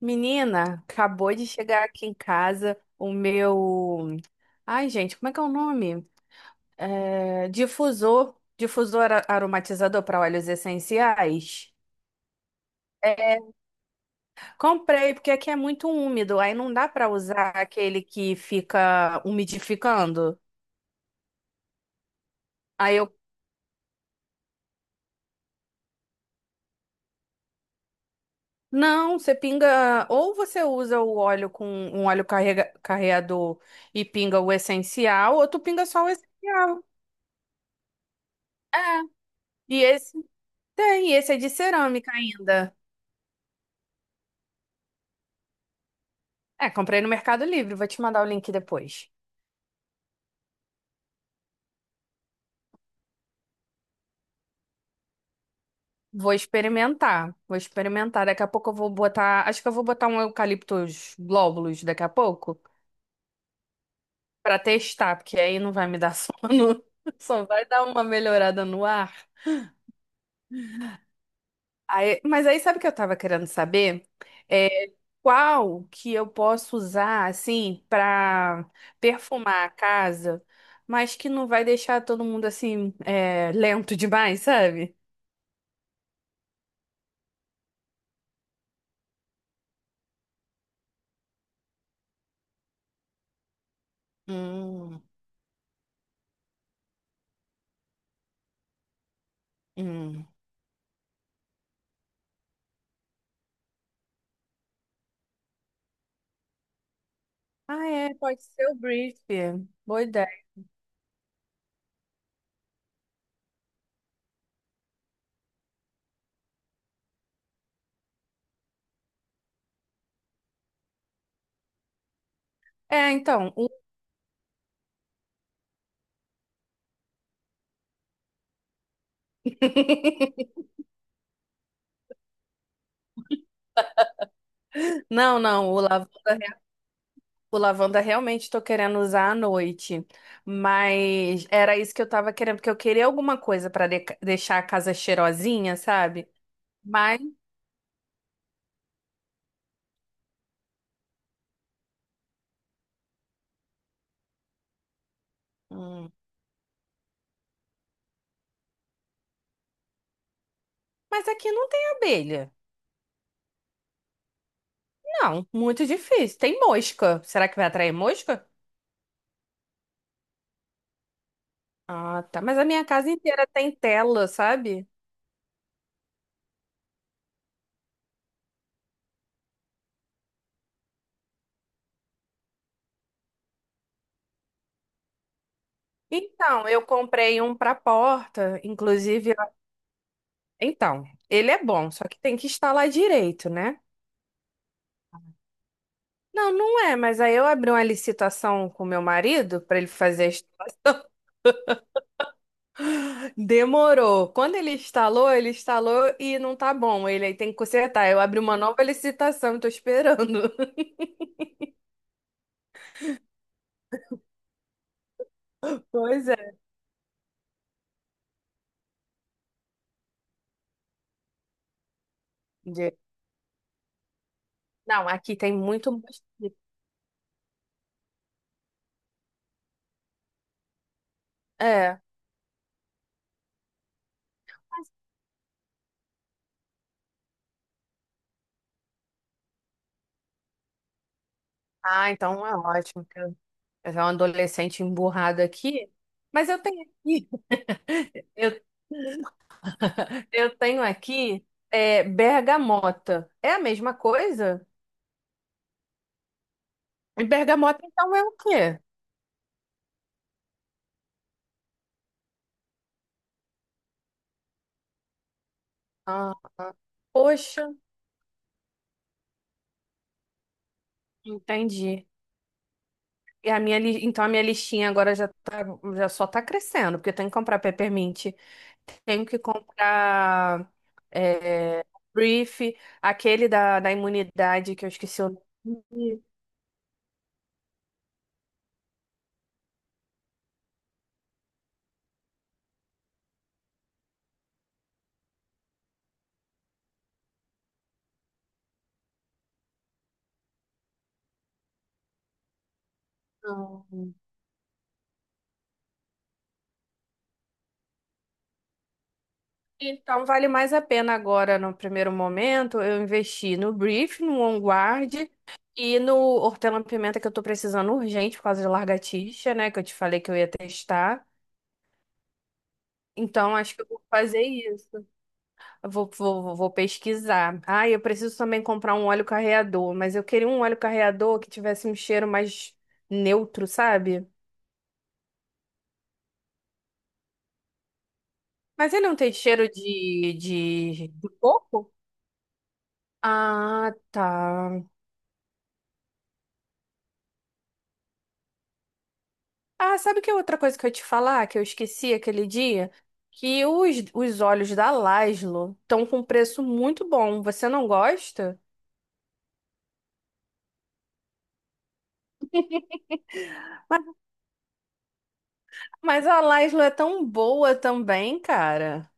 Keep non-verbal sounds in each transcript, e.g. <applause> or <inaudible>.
Menina, acabou de chegar aqui em casa o meu. Ai, gente, como é que é o nome? É, Difusor. Difusor aromatizador para óleos essenciais. É, comprei, porque aqui é muito úmido, aí não dá para usar aquele que fica umidificando. Aí eu. Não, você pinga. Ou você usa o óleo com um óleo carreador e pinga o essencial, ou tu pinga só o essencial. É. E esse. Tem, esse é de cerâmica ainda. É, comprei no Mercado Livre, vou te mandar o link depois. Vou experimentar, vou experimentar. Daqui a pouco eu vou botar, acho que eu vou botar um eucaliptus glóbulos daqui a pouco pra testar, porque aí não vai me dar sono, <laughs> só vai dar uma melhorada no ar. Mas aí sabe o que eu tava querendo saber? É, qual que eu posso usar assim pra perfumar a casa, mas que não vai deixar todo mundo assim lento demais, sabe? Hum, hum. Ah, é, pode ser o brief. Boa ideia. É, então, o- <laughs> Não, não, o lavanda realmente estou querendo usar à noite, mas era isso que eu estava querendo, porque eu queria alguma coisa para deixar a casa cheirosinha, sabe? Mas, hum, mas aqui não tem abelha. Não, muito difícil. Tem mosca. Será que vai atrair mosca? Ah, tá. Mas a minha casa inteira tem tela, sabe? Então, eu comprei um para porta, inclusive. Então, ele é bom, só que tem que instalar direito, né? Não, não é, mas aí eu abri uma licitação com meu marido para ele fazer. Demorou. Quando ele instalou e não tá bom. Ele aí tem que consertar. Eu abri uma nova licitação, tô esperando. <laughs> Pois é. De- Não, aqui tem muito mosquito. É. Ah, então é ótimo. Que eu sou um adolescente emburrado aqui, mas eu tenho aqui. <laughs> Eu tenho aqui é, bergamota. É a mesma coisa? E bergamota, então, é o quê? Ah, ah. Poxa, entendi. E a minha, então, a minha listinha agora já, tá, já só tá crescendo, porque eu tenho que comprar peppermint, tenho que comprar é, brief, aquele da imunidade, que eu esqueci o nome. Então, vale mais a pena agora, no primeiro momento, eu investi no Brief, no On Guard e no hortelã-pimenta que eu tô precisando urgente por causa de largatixa, né? Que eu te falei que eu ia testar. Então, acho que eu vou fazer isso. Eu vou pesquisar. Ah, eu preciso também comprar um óleo carreador, mas eu queria um óleo carreador que tivesse um cheiro mais neutro, sabe? Mas ele não tem cheiro de coco? Ah, tá. Ah, sabe que é outra coisa que eu ia te falar, que eu esqueci aquele dia? Que os óleos da Laszlo estão com preço muito bom. Você não gosta? Mas a Laszlo é tão boa também, cara.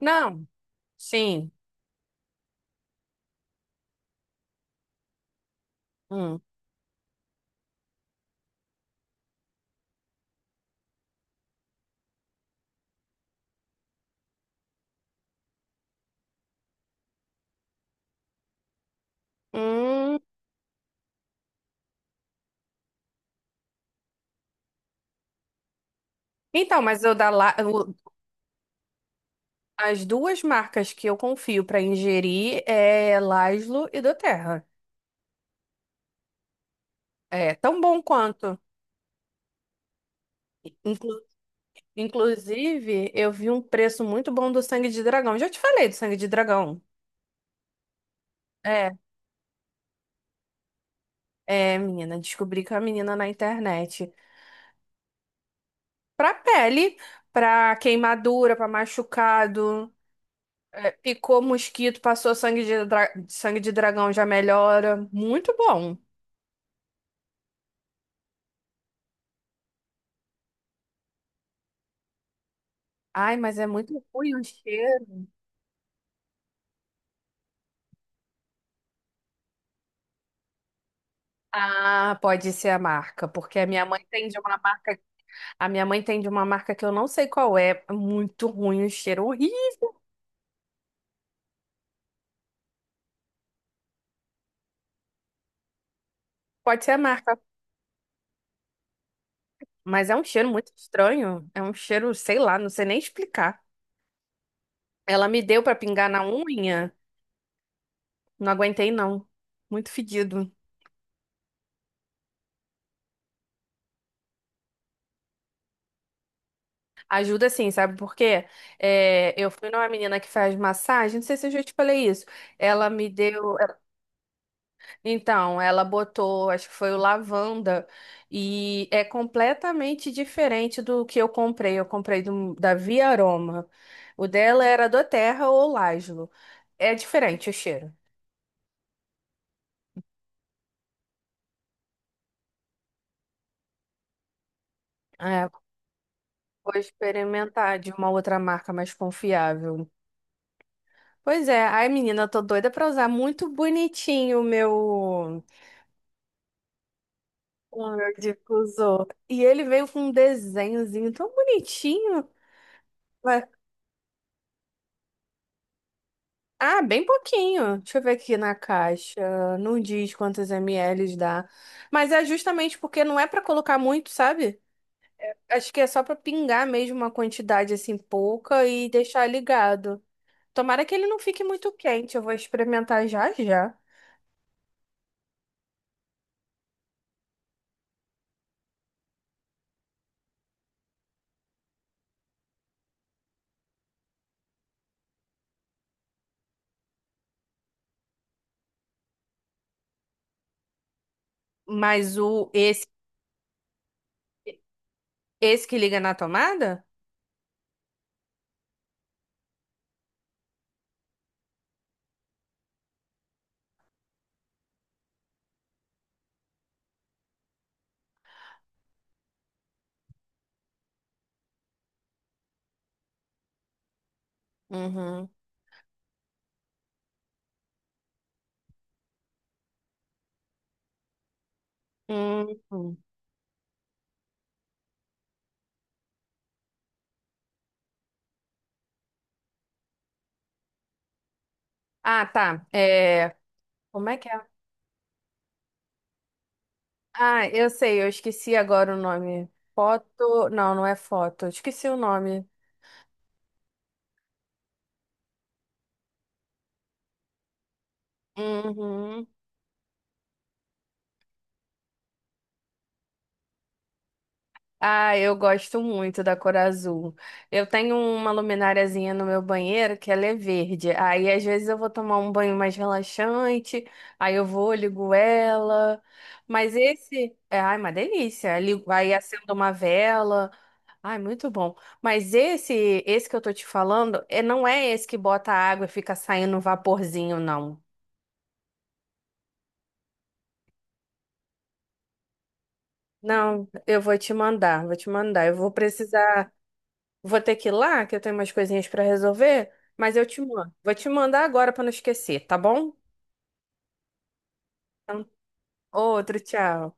Não, sim. Hum. Hum. Então, mas eu da La- o- as duas marcas que eu confio para ingerir é Laszlo e Doterra. É tão bom quanto. Inclu- Inclusive, eu vi um preço muito bom do sangue de dragão. Já te falei do sangue de dragão. É. É, menina, descobri que é a menina na internet. Pra pele, pra queimadura, pra machucado, é, picou mosquito, passou sangue sangue de dragão, já melhora. Muito bom. Ai, mas é muito ruim o cheiro. Ah, pode ser a marca, porque a minha mãe tem de uma marca que eu não sei qual é. É muito ruim o cheiro, horrível. Pode ser a marca, mas é um cheiro muito estranho, é um cheiro, sei lá, não sei nem explicar. Ela me deu pra pingar na unha. Não aguentei, não. Muito fedido. Ajuda sim, sabe por quê? É, eu fui numa menina que faz massagem, não sei se eu já te falei isso. Ela me deu. Então, ela botou, acho que foi o lavanda, e é completamente diferente do que eu comprei. Eu comprei da Via Aroma. O dela era doTERRA ou Lajlo. É diferente o cheiro. É, vou experimentar de uma outra marca mais confiável. Pois é, ai menina, eu tô doida pra usar muito bonitinho o meu difusor. E ele veio com um desenhozinho tão bonitinho. Mas- Ah, bem pouquinho. Deixa eu ver aqui na caixa. Não diz quantos ml dá. Mas é justamente porque não é pra colocar muito, sabe? Acho que é só pra pingar mesmo uma quantidade assim pouca e deixar ligado. Tomara que ele não fique muito quente. Eu vou experimentar já já. Mas esse que liga na tomada? Uhum. Hum. Ah, tá. É... Como é que é? Ah, eu sei, eu esqueci agora o nome. Foto. Não, não é foto. Eu esqueci o nome. Uhum. Ah, eu gosto muito da cor azul. Eu tenho uma lumináriazinha no meu banheiro que ela é verde. Aí às vezes eu vou tomar um banho mais relaxante, aí eu vou, ligo ela. Mas esse é, ai, uma delícia. Aí acendo uma vela. Ai, muito bom. Mas esse que eu tô te falando, é, não é esse que bota água e fica saindo um vaporzinho, não. Não, eu vou te mandar, vou te mandar. Eu vou precisar, vou ter que ir lá, que eu tenho umas coisinhas pra resolver, mas eu te mando. Vou te mandar agora pra não esquecer, tá bom? Então, outro, tchau.